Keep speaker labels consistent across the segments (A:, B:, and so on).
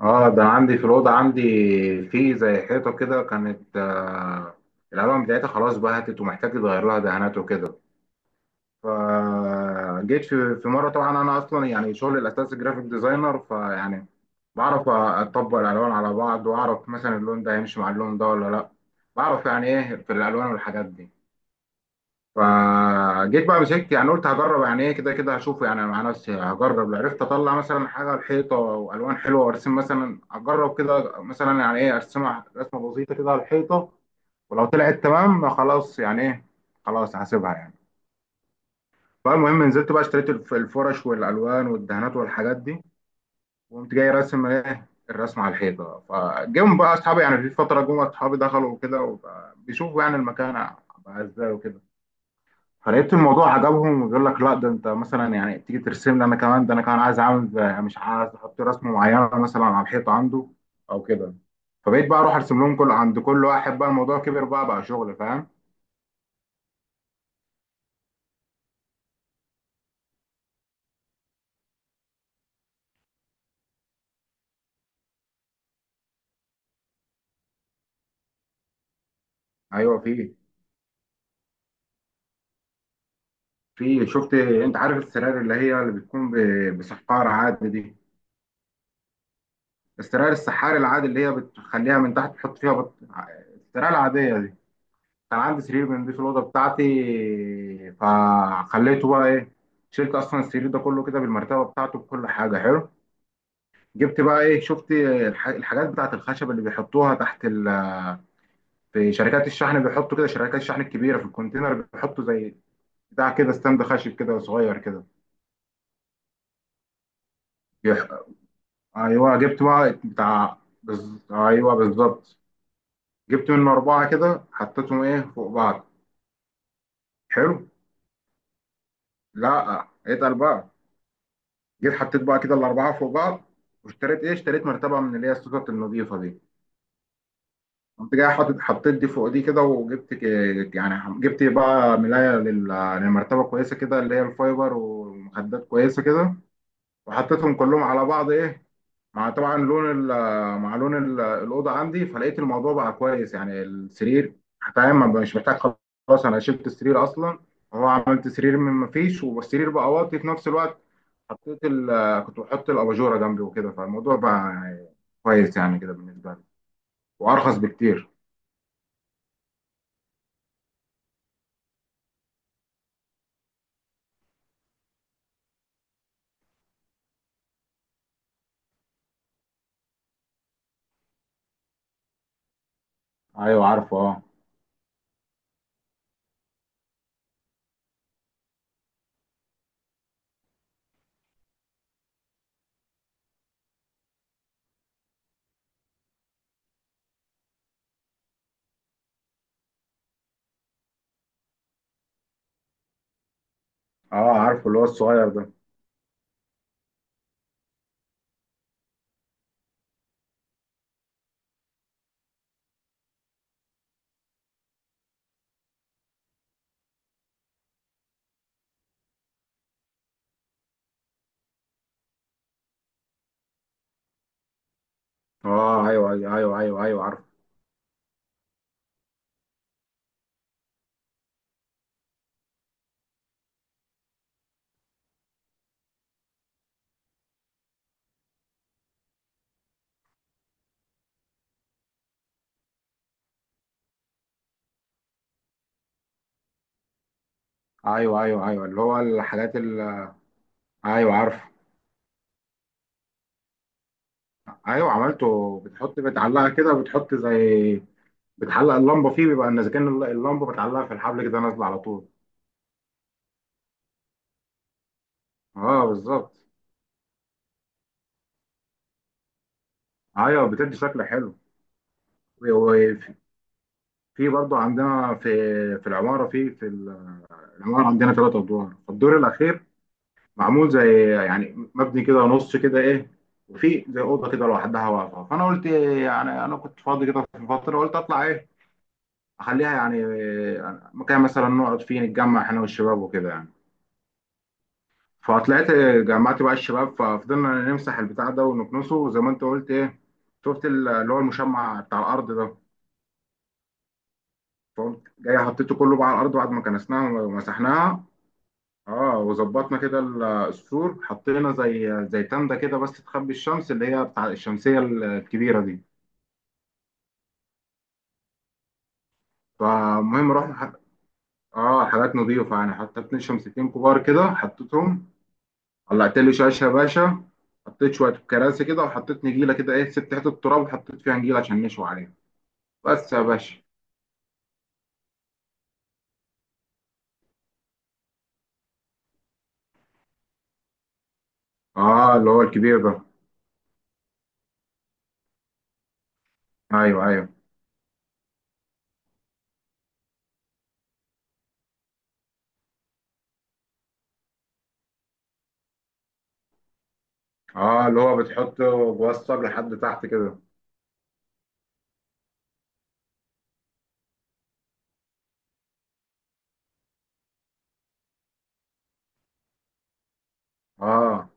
A: اه ده عندي في الأوضة عندي في زي حيطة كده كانت آه، الألوان بتاعتها خلاص بهتت ومحتاج يتغير لها دهانات وكده. فجيت في مرة. طبعا أنا أصلا يعني شغلي الأساسي جرافيك ديزاينر. فيعني بعرف أطبق الألوان على بعض، وأعرف مثلا اللون ده هيمشي مع اللون ده ولا لأ. بعرف يعني إيه في الألوان والحاجات دي. فجيت بقى مسكت، يعني قلت هجرب يعني ايه كده كده، هشوفه يعني مع نفسي. هجرب لو عرفت اطلع مثلا حاجه على الحيطه والوان حلوه وارسم، مثلا اجرب كده، مثلا يعني ايه ارسمها رسمه بسيطه كده على الحيطه. ولو طلعت تمام خلاص يعني ايه، خلاص هسيبها يعني. فالمهم نزلت بقى اشتريت الفرش والالوان والدهانات والحاجات دي. وقمت جاي راسم ايه الرسمه على الحيطه. فجم بقى اصحابي، يعني في فتره جم اصحابي دخلوا وكده، وبقى بيشوفوا يعني المكان بقى ازاي وكده. فلقيت الموضوع عجبهم، يقول لك لا ده انت مثلا يعني تيجي ترسم لي انا كمان، ده انا كمان عايز اعمل مش عايز احط رسمه معينه مثلا على الحيطه عنده او كده. فبقيت بقى اروح ارسم لهم كل عند كل واحد، بقى الموضوع كبر، بقى شغل، فاهم. ايوه. في شفت انت عارف السراير اللي هي اللي بتكون بسحار عادي دي؟ السراير السحاري العادي اللي هي بتخليها من تحت تحط فيها السراير العاديه دي. كان عندي سرير بنضيف في الاوضه بتاعتي. فخليته بقى ايه، شلت اصلا السرير ده كله كده بالمرتبه بتاعته بكل حاجه. حلو. جبت بقى ايه، شفت الحاجات بتاعت الخشب اللي بيحطوها تحت ال. في شركات الشحن بيحطوا كده، شركات الشحن الكبيره في الكونتينر بيحطوا زي بتاع كده ستاند خشب كده صغير كده. يح- ايوه، جبت بقى بتاع، ايوه بالظبط. جبت منه اربعه كده حطيتهم ايه فوق بعض. حلو. لا اتقل بقى. جيت حطيت بقى كده الاربعه فوق بعض، واشتريت ايه، اشتريت مرتبه من اللي هي السكك النظيفه دي. قمت جاي حاطط حطيت دي فوق دي كده، وجبت يعني جبت بقى ملايه للمرتبه كويسه كده اللي هي الفايبر، ومخدات كويسه كده. وحطيتهم كلهم على بعض ايه، مع طبعا لون ال- مع لون الاوضه عندي. فلقيت الموضوع بقى كويس، يعني السرير فاهم، ما بقاش محتاج، خلاص انا شلت السرير اصلا. هو عملت سرير من ما فيش، والسرير بقى واطي في نفس الوقت. حطيت ال، كنت بحط الاباجوره جنبي وكده. فالموضوع بقى يعني كويس يعني كده بالنسبه لي. وارخص بكتير. ايوه عارفه اه. اه عارفه اللي هو الصغير ده. اه ايوه ايوه ايوه ايوه ايوه عارفه. ايوه ايوه ايوه اللي هو الحاجات ال. ايوه عارفه. ايوه عملته، بتحط بتعلقها كده، بتحط زي، بتعلق اللمبه فيه، بيبقى ان اذا كان اللمبه بتعلقها في الحبل كده نازله على طول. اه بالظبط. ايوه بتدي شكل حلو. وفي، برضه عندنا في في العماره في في ال- العمارة عندنا ثلاث أدوار. الدور الأخير معمول زي، يعني مبني كده نص كده إيه، وفي زي أوضة كده لوحدها واقفة. فأنا قلت إيه، يعني أنا كنت فاضي كده في فترة، قلت أطلع إيه، أخليها يعني إيه، مكان مثلا نقعد فيه نتجمع إحنا والشباب وكده يعني. فطلعت إيه، جمعت بقى الشباب، ففضلنا نمسح البتاع ده ونكنسه زي ما أنت قلت إيه. شفت اللي هو المشمع بتاع الأرض ده. فقمت جاي حطيته كله بقى على الأرض بعد ما كنسناها ومسحناها. اه وظبطنا كده. السور حطينا زي تندة كده بس تخبي الشمس، اللي هي بتاع الشمسية الكبيرة دي. فالمهم رحنا اه حاجات نظيفة يعني، حطيت اتنين شمسيتين كبار كده حطيتهم. قلعت لي شاشة يا باشا. حطيت شوية كراسي كده، وحطيت نجيلة كده ايه، سبت حتة التراب وحطيت فيها نجيلة عشان نشوي عليها. بس يا باشا. اه اللي هو الكبير ده. ايوه ايوه. اه اللي هو بتحطه بوسط لحد تحت كده. اه.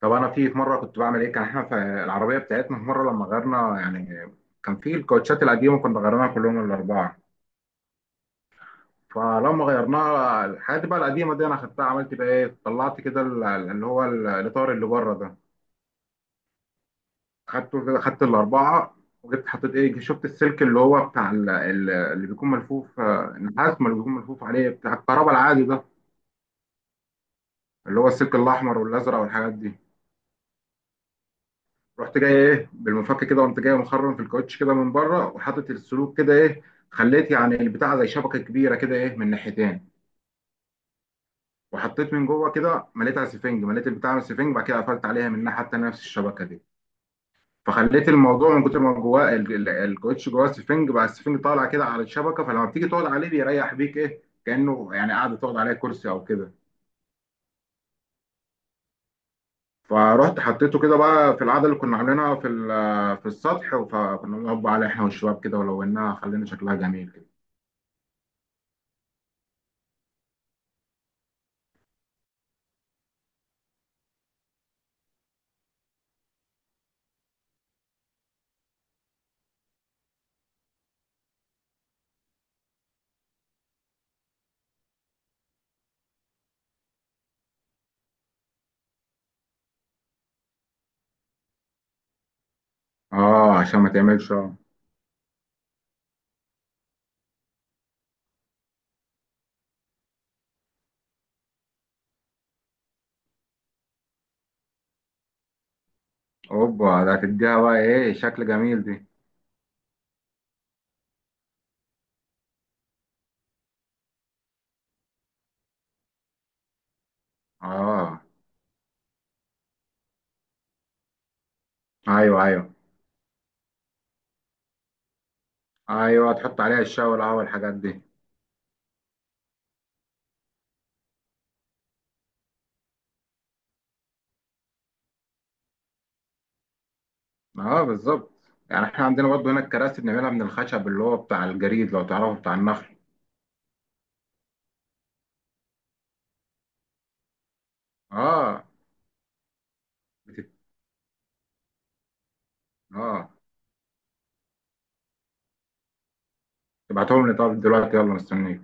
A: طب انا في مره كنت بعمل ايه، كان احنا في العربيه بتاعتنا في مره لما غيرنا يعني، كان في الكاوتشات القديمه كنا غيرناها كلهم الاربعه. فلما غيرناها الحاجات بقى القديمه دي، انا خدتها عملت بقى ايه، طلعت كده الاطار اللي بره ده. خدته كده خدت الاربعه. وجبت حطيت ايه، شفت السلك اللي هو بتاع اللي بيكون ملفوف آه، النحاس ما اللي بيكون ملفوف عليه بتاع الكهرباء العادي ده. اللي هو السلك الاحمر والازرق والحاجات دي. رحت جاي ايه بالمفك كده، قمت جاي مخرم في الكاوتش كده من بره، وحاطط السلوك كده ايه، خليت يعني البتاع زي شبكه كبيره كده ايه من ناحيتين. وحطيت من جوه كده مليتها سفنج، مليت البتاع من السفنج، بعد كده قفلت عليها من ناحيه تانيه نفس الشبكه دي. فخليت الموضوع من كتر ما جواه الكاوتش جواه سفنج، بقى السفنج طالع كده على الشبكه. فلما بتيجي تقعد عليه بيريح بيك ايه، كانه يعني قاعده تقعد عليه كرسي او كده. فرحت حطيته كده بقى في القعده اللي كنا عاملينها في السطح. فكنا بنقعد بقى عليه احنا والشباب كده، ولوناها خلينا شكلها جميل. اه عشان ما تعملش اه. اوبا، ده هتديها بقى ايه شكل جميل دي. اه ايوه ايوه ايوه. تحط عليها الشاي والقهوه والحاجات دي. اه بالظبط. يعني احنا عندنا برضه هنا الكراسي بنعملها من الخشب اللي هو بتاع الجريد لو تعرفه بتاع النخل. اه. بت- اه تبعتهم لي. طب دلوقتي يلا، مستنيك.